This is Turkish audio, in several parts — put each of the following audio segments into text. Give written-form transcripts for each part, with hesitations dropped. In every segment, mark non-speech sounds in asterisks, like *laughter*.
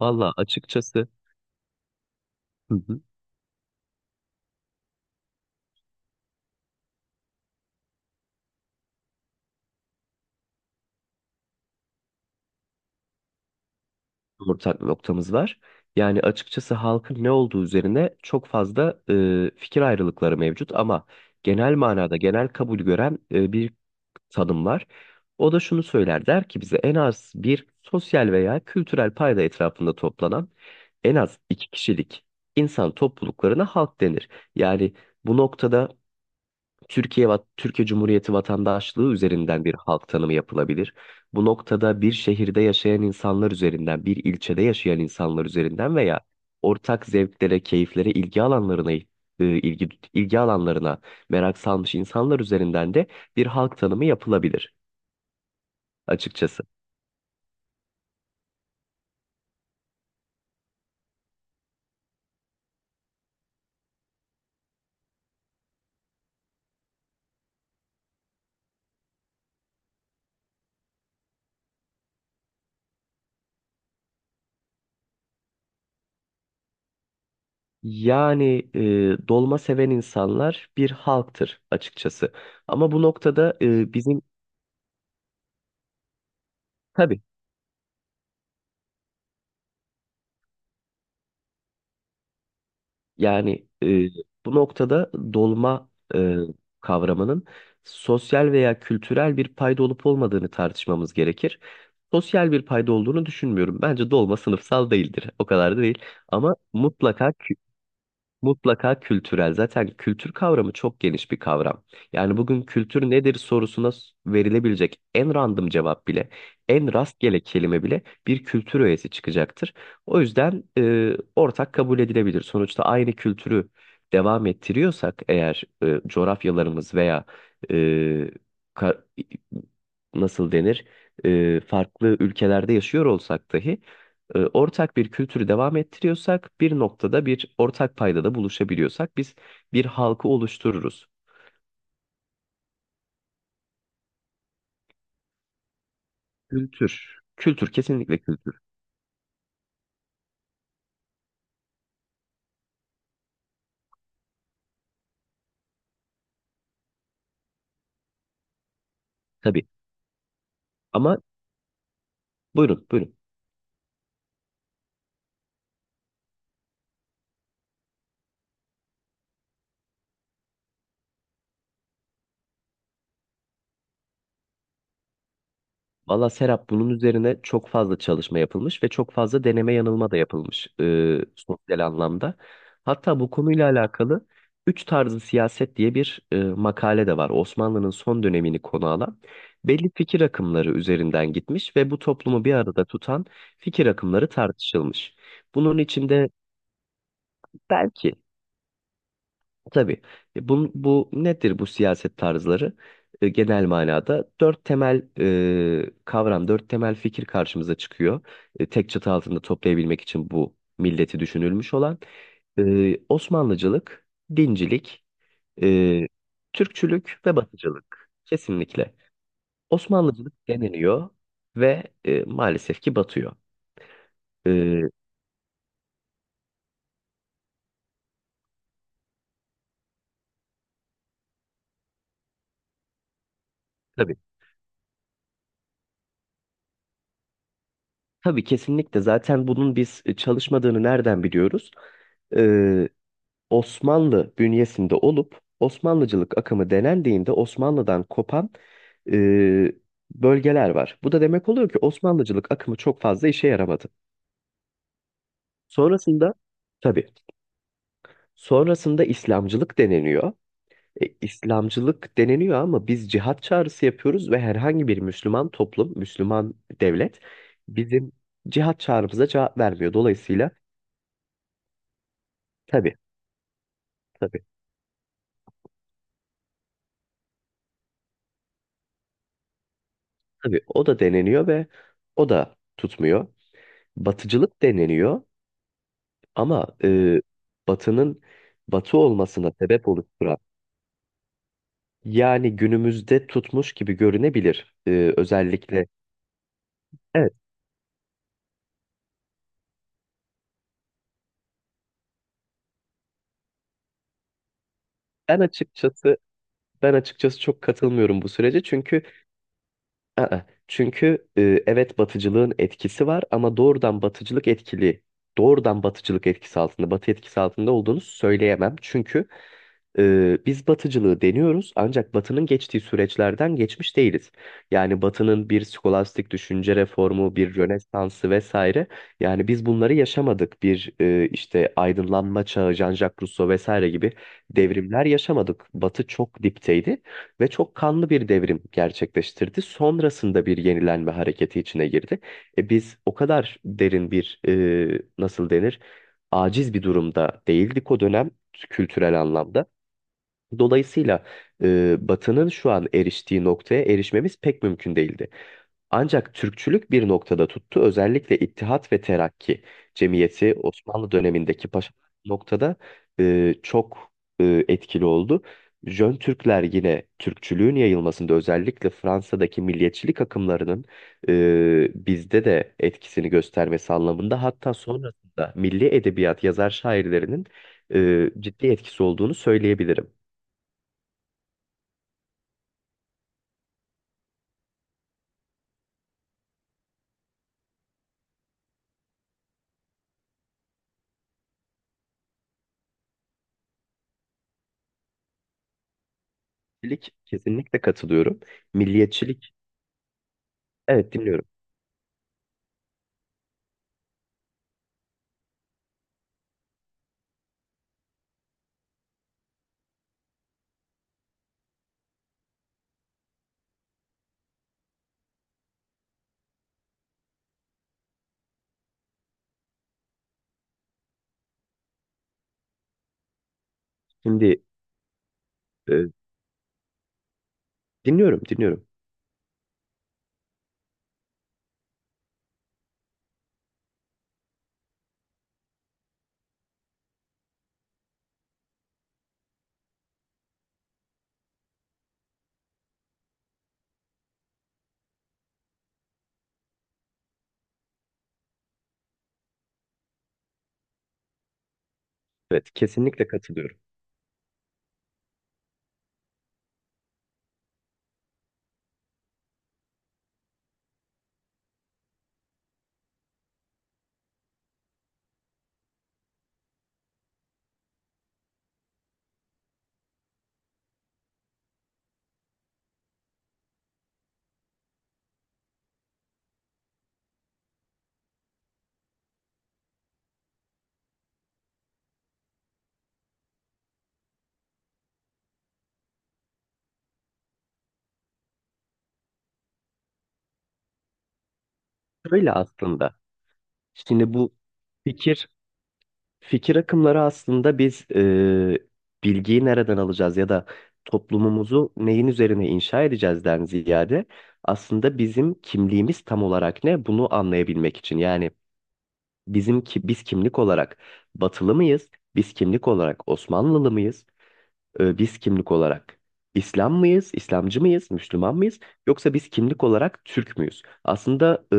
Valla açıkçası hı hı, ortak noktamız var. Yani açıkçası halkın ne olduğu üzerine çok fazla fikir ayrılıkları mevcut ama genel manada genel kabul gören bir tanım var. O da şunu söyler, der ki bize en az bir sosyal veya kültürel payda etrafında toplanan en az iki kişilik insan topluluklarına halk denir. Yani bu noktada Türkiye Cumhuriyeti vatandaşlığı üzerinden bir halk tanımı yapılabilir. Bu noktada bir şehirde yaşayan insanlar üzerinden, bir ilçede yaşayan insanlar üzerinden veya ortak zevklere, keyiflere, ilgi alanlarına ilgi alanlarına merak salmış insanlar üzerinden de bir halk tanımı yapılabilir açıkçası. Yani dolma seven insanlar bir halktır açıkçası. Ama bu noktada bizim tabii. Yani bu noktada dolma e, kavramının sosyal veya kültürel bir payda olup olmadığını tartışmamız gerekir. Sosyal bir payda olduğunu düşünmüyorum. Bence dolma sınıfsal değildir. O kadar da değil. Ama mutlaka. Mutlaka kültürel. Zaten kültür kavramı çok geniş bir kavram. Yani bugün kültür nedir sorusuna verilebilecek en random cevap bile, en rastgele kelime bile bir kültür öğesi çıkacaktır. O yüzden ortak kabul edilebilir. Sonuçta aynı kültürü devam ettiriyorsak eğer coğrafyalarımız veya e, ka- nasıl denir, farklı ülkelerde yaşıyor olsak dahi ortak bir kültürü devam ettiriyorsak, bir noktada bir ortak paydada buluşabiliyorsak biz bir halkı oluştururuz. Kültür. Kültür, kesinlikle kültür. Tabii. Ama buyurun, buyurun. Valla Serap, bunun üzerine çok fazla çalışma yapılmış ve çok fazla deneme yanılma da yapılmış, sosyal anlamda. Hatta bu konuyla alakalı Üç Tarzı Siyaset diye bir makale de var. Osmanlı'nın son dönemini konu alan belli fikir akımları üzerinden gitmiş ve bu toplumu bir arada tutan fikir akımları tartışılmış. Bunun içinde belki. Tabii. Bu, bu nedir, bu siyaset tarzları? Genel manada dört temel kavram, dört temel fikir karşımıza çıkıyor. Tek çatı altında toplayabilmek için bu milleti düşünülmüş olan Osmanlıcılık, dincilik, e, Türkçülük ve Batıcılık. Kesinlikle. Osmanlıcılık deniliyor ve maalesef ki batıyor. E, tabii. Tabii, kesinlikle. Zaten bunun biz çalışmadığını nereden biliyoruz? Ee, Osmanlı bünyesinde olup Osmanlıcılık akımı denendiğinde Osmanlı'dan kopan e, bölgeler var. Bu da demek oluyor ki Osmanlıcılık akımı çok fazla işe yaramadı. Sonrasında, tabii, sonrasında İslamcılık deneniyor. İslamcılık deneniyor ama biz cihat çağrısı yapıyoruz ve herhangi bir Müslüman toplum, Müslüman devlet bizim cihat çağrımıza cevap vermiyor. Dolayısıyla tabii, tabii, tabii o da deneniyor ve o da tutmuyor. Batıcılık deneniyor. Ama Batı'nın Batı olmasına sebep oluşturan, yani günümüzde tutmuş gibi görünebilir, özellikle. Evet, ben açıkçası ben açıkçası çok katılmıyorum bu sürece çünkü aa, çünkü evet, Batıcılığın etkisi var ama doğrudan Batıcılık etkisi altında, Batı etkisi altında olduğunu söyleyemem çünkü biz batıcılığı deniyoruz ancak batının geçtiği süreçlerden geçmiş değiliz. Yani batının bir skolastik düşünce reformu, bir rönesansı vesaire. Yani biz bunları yaşamadık. Bir işte aydınlanma çağı, Jean-Jacques Rousseau vesaire gibi devrimler yaşamadık. Batı çok dipteydi ve çok kanlı bir devrim gerçekleştirdi. Sonrasında bir yenilenme hareketi içine girdi. Biz o kadar derin bir, nasıl denir, aciz bir durumda değildik o dönem, kültürel anlamda. Dolayısıyla Batı'nın şu an eriştiği noktaya erişmemiz pek mümkün değildi. Ancak Türkçülük bir noktada tuttu. Özellikle İttihat ve Terakki Cemiyeti Osmanlı dönemindeki paşa noktada çok etkili oldu. Jön Türkler yine Türkçülüğün yayılmasında, özellikle Fransa'daki milliyetçilik akımlarının bizde de etkisini göstermesi anlamında, hatta sonrasında milli edebiyat yazar şairlerinin ciddi etkisi olduğunu söyleyebilirim. Milliyetçilik, kesinlikle katılıyorum. Milliyetçilik, evet, dinliyorum. Şimdi e, dinliyorum. Evet, kesinlikle katılıyorum. Şöyle aslında, şimdi bu fikir fikir akımları aslında, biz bilgiyi nereden alacağız ya da toplumumuzu neyin üzerine inşa edeceğizden ziyade, aslında bizim kimliğimiz tam olarak ne, bunu anlayabilmek için. Yani bizim ki biz kimlik olarak Batılı mıyız? Biz kimlik olarak Osmanlılı mıyız? Biz kimlik olarak İslam mıyız, İslamcı mıyız, Müslüman mıyız yoksa biz kimlik olarak Türk müyüz? Aslında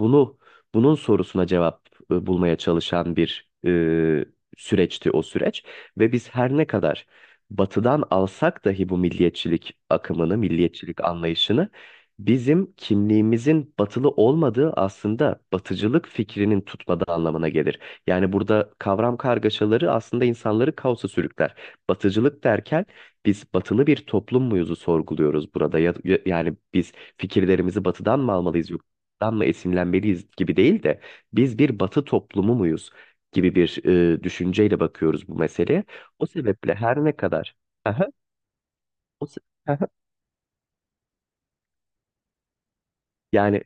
bunu bunun sorusuna cevap bulmaya çalışan bir süreçti o süreç. Ve biz her ne kadar Batı'dan alsak dahi bu milliyetçilik akımını, milliyetçilik anlayışını, bizim kimliğimizin batılı olmadığı, aslında batıcılık fikrinin tutmadığı anlamına gelir. Yani burada kavram kargaşaları aslında insanları kaosa sürükler. Batıcılık derken biz batılı bir toplum muyuzu sorguluyoruz burada. Yani biz fikirlerimizi batıdan mı almalıyız, yurttan mı esinlenmeliyiz gibi değil de biz bir batı toplumu muyuz gibi bir düşünceyle bakıyoruz bu meseleye. O sebeple her ne kadar *laughs* Aha, o se- *laughs* yani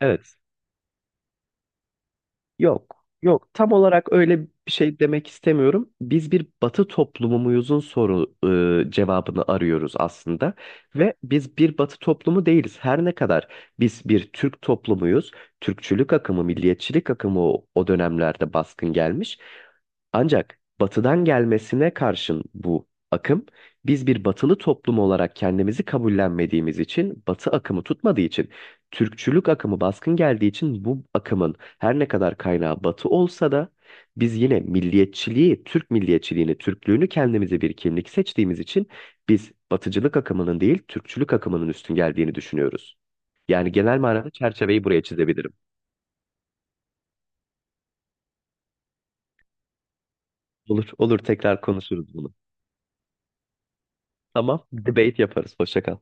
evet. Yok, yok. Tam olarak öyle bir şey demek istemiyorum. Biz bir Batı toplumu muyuzun soru cevabını arıyoruz aslında ve biz bir Batı toplumu değiliz. Her ne kadar biz bir Türk toplumuyuz, Türkçülük akımı, milliyetçilik akımı o dönemlerde baskın gelmiş, ancak batıdan gelmesine karşın bu akım, biz bir batılı toplum olarak kendimizi kabullenmediğimiz için, batı akımı tutmadığı için, Türkçülük akımı baskın geldiği için, bu akımın her ne kadar kaynağı batı olsa da biz yine milliyetçiliği, Türk milliyetçiliğini, Türklüğünü kendimize bir kimlik seçtiğimiz için biz batıcılık akımının değil, Türkçülük akımının üstün geldiğini düşünüyoruz. Yani genel manada çerçeveyi buraya çizebilirim. Olur, olur, tekrar konuşuruz bunu. Tamam, debate yaparız. Hoşça kal.